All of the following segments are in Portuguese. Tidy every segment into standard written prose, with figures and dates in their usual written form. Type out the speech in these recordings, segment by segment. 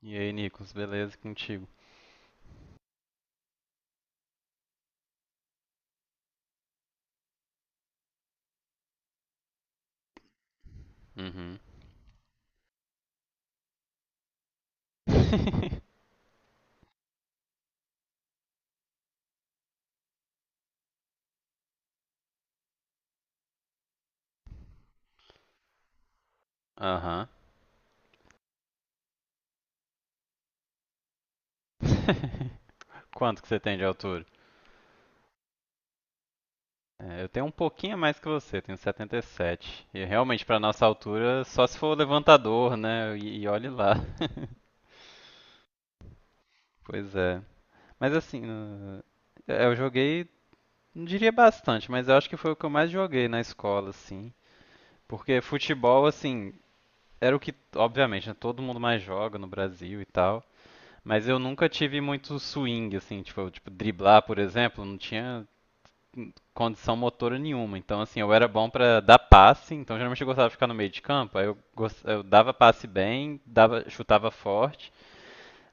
E aí, Nicolas, beleza contigo? Uhum. Aham. Quanto que você tem de altura? É, eu tenho um pouquinho a mais que você, tenho 77. E sete. E realmente, para nossa altura, só se for levantador, né? E olhe lá. Pois é. Mas assim, é, eu joguei, não diria bastante, mas eu acho que foi o que eu mais joguei na escola, assim. Porque futebol, assim, era o que, obviamente, né, todo mundo mais joga no Brasil e tal. Mas eu nunca tive muito swing, assim, tipo, eu, tipo, driblar, por exemplo, não tinha condição motora nenhuma. Então, assim, eu era bom pra dar passe, então geralmente eu gostava de ficar no meio de campo, aí eu dava passe bem, dava, chutava forte,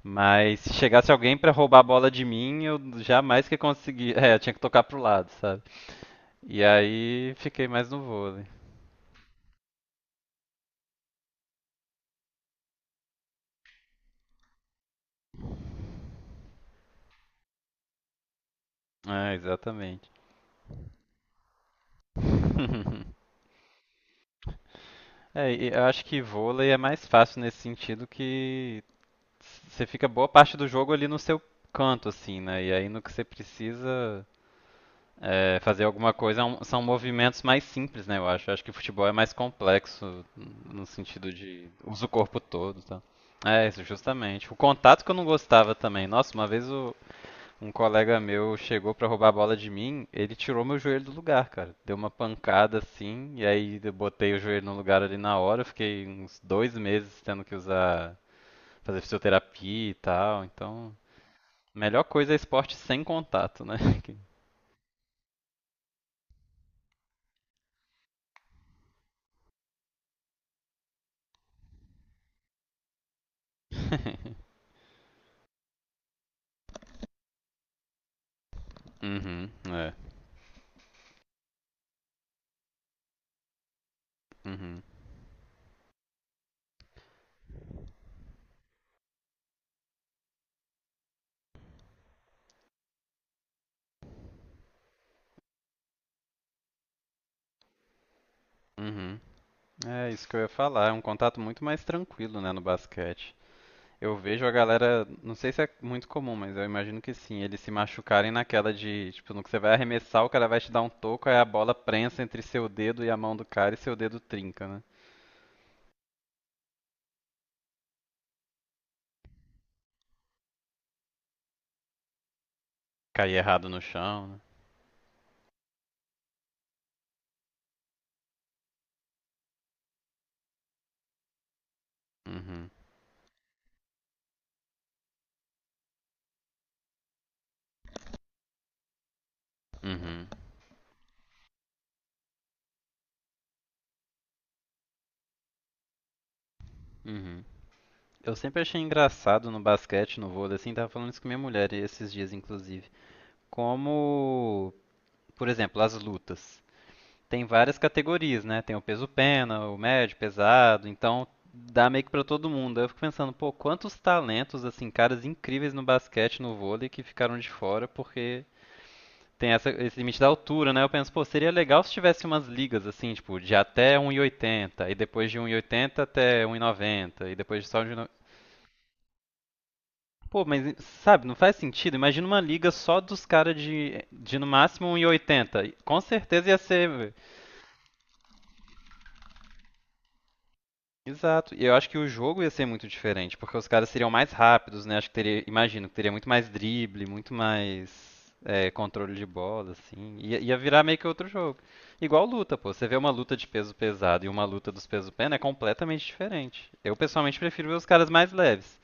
mas se chegasse alguém pra roubar a bola de mim, eu jamais que conseguia. É, eu tinha que tocar pro lado, sabe? E aí fiquei mais no vôlei. É, exatamente. É, e eu acho que vôlei é mais fácil nesse sentido que você fica boa parte do jogo ali no seu canto, assim, né? E aí no que você precisa é, fazer alguma coisa são movimentos mais simples, né? Eu acho. Eu acho que o futebol é mais complexo no sentido de usa o corpo todo, tá? É, isso, justamente. O contato que eu não gostava também. Nossa, uma vez um colega meu chegou pra roubar a bola de mim, ele tirou meu joelho do lugar, cara. Deu uma pancada assim, e aí eu botei o joelho no lugar ali na hora. Eu fiquei uns 2 meses tendo que usar fazer fisioterapia e tal. Então, melhor coisa é esporte sem contato, né? Uhum, é. Uhum, uhum. É isso que eu ia falar. É um contato muito mais tranquilo, né, no basquete. Eu vejo a galera, não sei se é muito comum, mas eu imagino que sim, eles se machucarem naquela de, tipo, no que você vai arremessar, o cara vai te dar um toco, aí a bola prensa entre seu dedo e a mão do cara e seu dedo trinca, né? Cair errado no chão, né? Uhum, uhum, uhum. Eu sempre achei engraçado no basquete, no vôlei, assim, tava falando isso com minha mulher esses dias, inclusive. Como, por exemplo, as lutas. Tem várias categorias, né? Tem o peso pena, o médio, pesado, então dá meio que pra todo mundo. Aí eu fico pensando, pô, quantos talentos, assim, caras incríveis no basquete, no vôlei, que ficaram de fora porque tem esse limite da altura, né? Eu penso, pô, seria legal se tivesse umas ligas, assim, tipo, de até 1,80, e oitenta, e depois de 1,80 até 1,90, e noventa, e depois de só de. Pô, mas sabe, não faz sentido. Imagina uma liga só dos caras de no máximo 1,80. Com certeza ia ser. Velho. Exato. E eu acho que o jogo ia ser muito diferente, porque os caras seriam mais rápidos, né? Acho que teria, imagino que teria muito mais drible, muito mais controle de bola, assim. Ia virar meio que outro jogo. Igual luta, pô. Você vê uma luta de peso pesado e uma luta dos peso pena é completamente diferente. Eu pessoalmente prefiro ver os caras mais leves.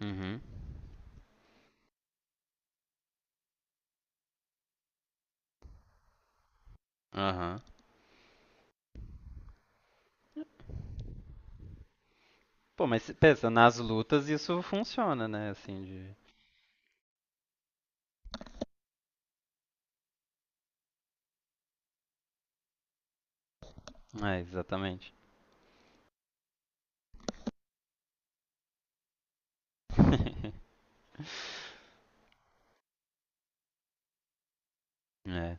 Uhum. Aham. Pô, mas pensa, nas lutas isso funciona, né? Assim, de. É, exatamente. É.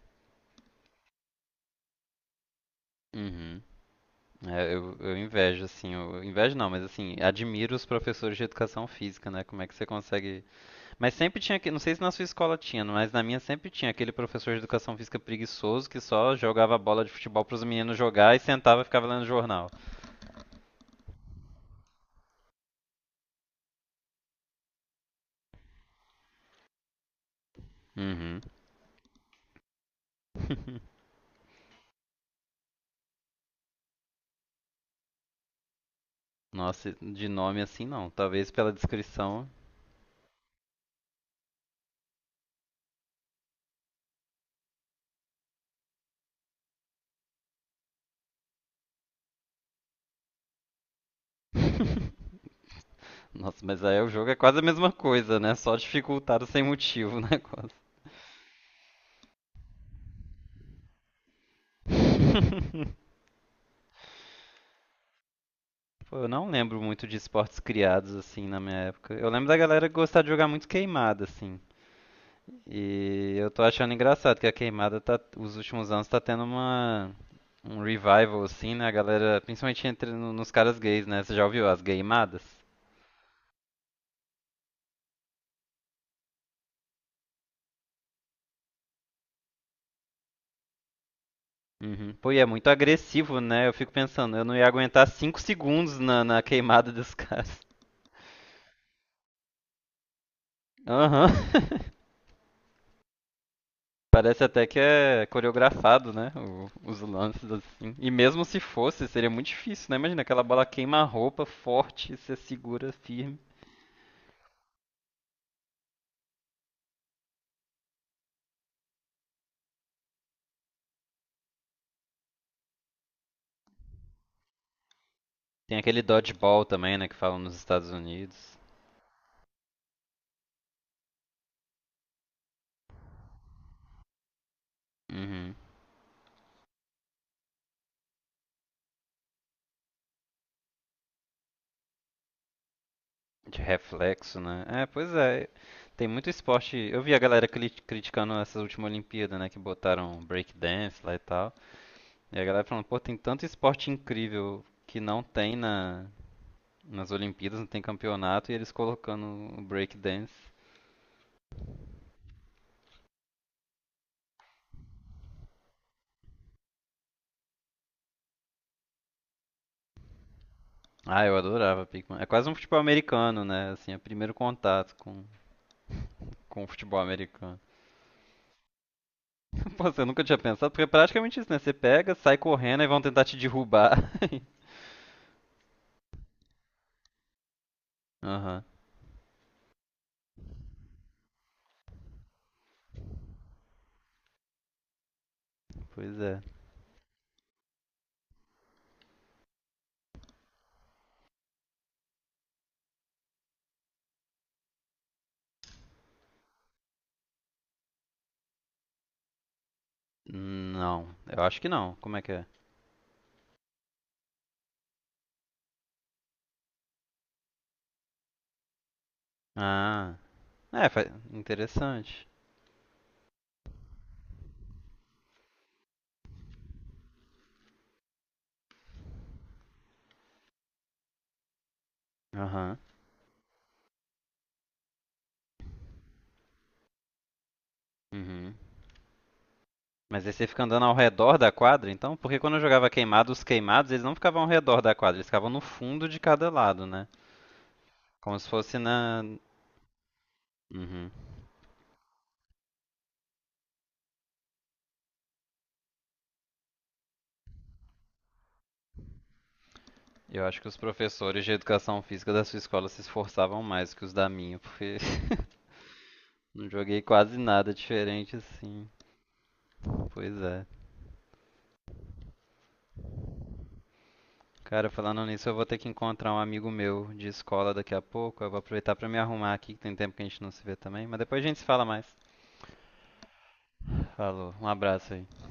Uhum. É, eu invejo, assim, eu invejo não, mas assim, admiro os professores de educação física, né? Como é que você consegue. Mas sempre tinha, não sei se na sua escola tinha, mas na minha sempre tinha aquele professor de educação física preguiçoso que só jogava bola de futebol pros meninos jogar e sentava e ficava lendo jornal. Uhum. Nossa, de nome assim não, talvez pela descrição. Nossa, mas aí o jogo é quase a mesma coisa, né? Só dificultado sem motivo o negócio. Pô, eu não lembro muito de esportes criados assim na minha época. Eu lembro da galera gostar de jogar muito queimada assim. E eu tô achando engraçado que a queimada tá, os últimos anos tá tendo uma um revival assim, né? A galera, principalmente entre nos caras gays, né? Você já ouviu as gaymadas? Uhum. Pô, e é muito agressivo, né? Eu fico pensando, eu não ia aguentar 5 segundos na queimada dos caras. Aham. Parece até que é coreografado, né? Os lances assim. E mesmo se fosse, seria muito difícil, né? Imagina aquela bola queima a roupa forte, você segura firme. Tem aquele dodgeball também, né? Que falam nos Estados Unidos. Uhum. De reflexo, né? É, pois é. Tem muito esporte. Eu vi a galera criticando essas últimas Olimpíadas, né? Que botaram breakdance lá e tal. E a galera falando, pô, tem tanto esporte incrível que não tem nas Olimpíadas, não tem campeonato, e eles colocando o breakdance. Ah, eu adorava Pikmin. É quase um futebol americano, né? Assim, é o primeiro contato com o futebol americano. Pô, você nunca tinha pensado, porque é praticamente isso, né? Você pega, sai correndo e vão tentar te derrubar. Aham, pois é. Não, eu acho que não. Como é que é? Ah, é, interessante. Aham, uhum. Mas aí você fica andando ao redor da quadra, então? Porque quando eu jogava queimado, os queimados, eles não ficavam ao redor da quadra, eles ficavam no fundo de cada lado, né? Como se fosse na... Uhum. Eu acho que os professores de educação física da sua escola se esforçavam mais que os da minha, porque não joguei quase nada diferente assim. Pois é. Cara, falando nisso, eu vou ter que encontrar um amigo meu de escola daqui a pouco. Eu vou aproveitar pra me arrumar aqui, que tem tempo que a gente não se vê também. Mas depois a gente se fala mais. Falou, um abraço aí.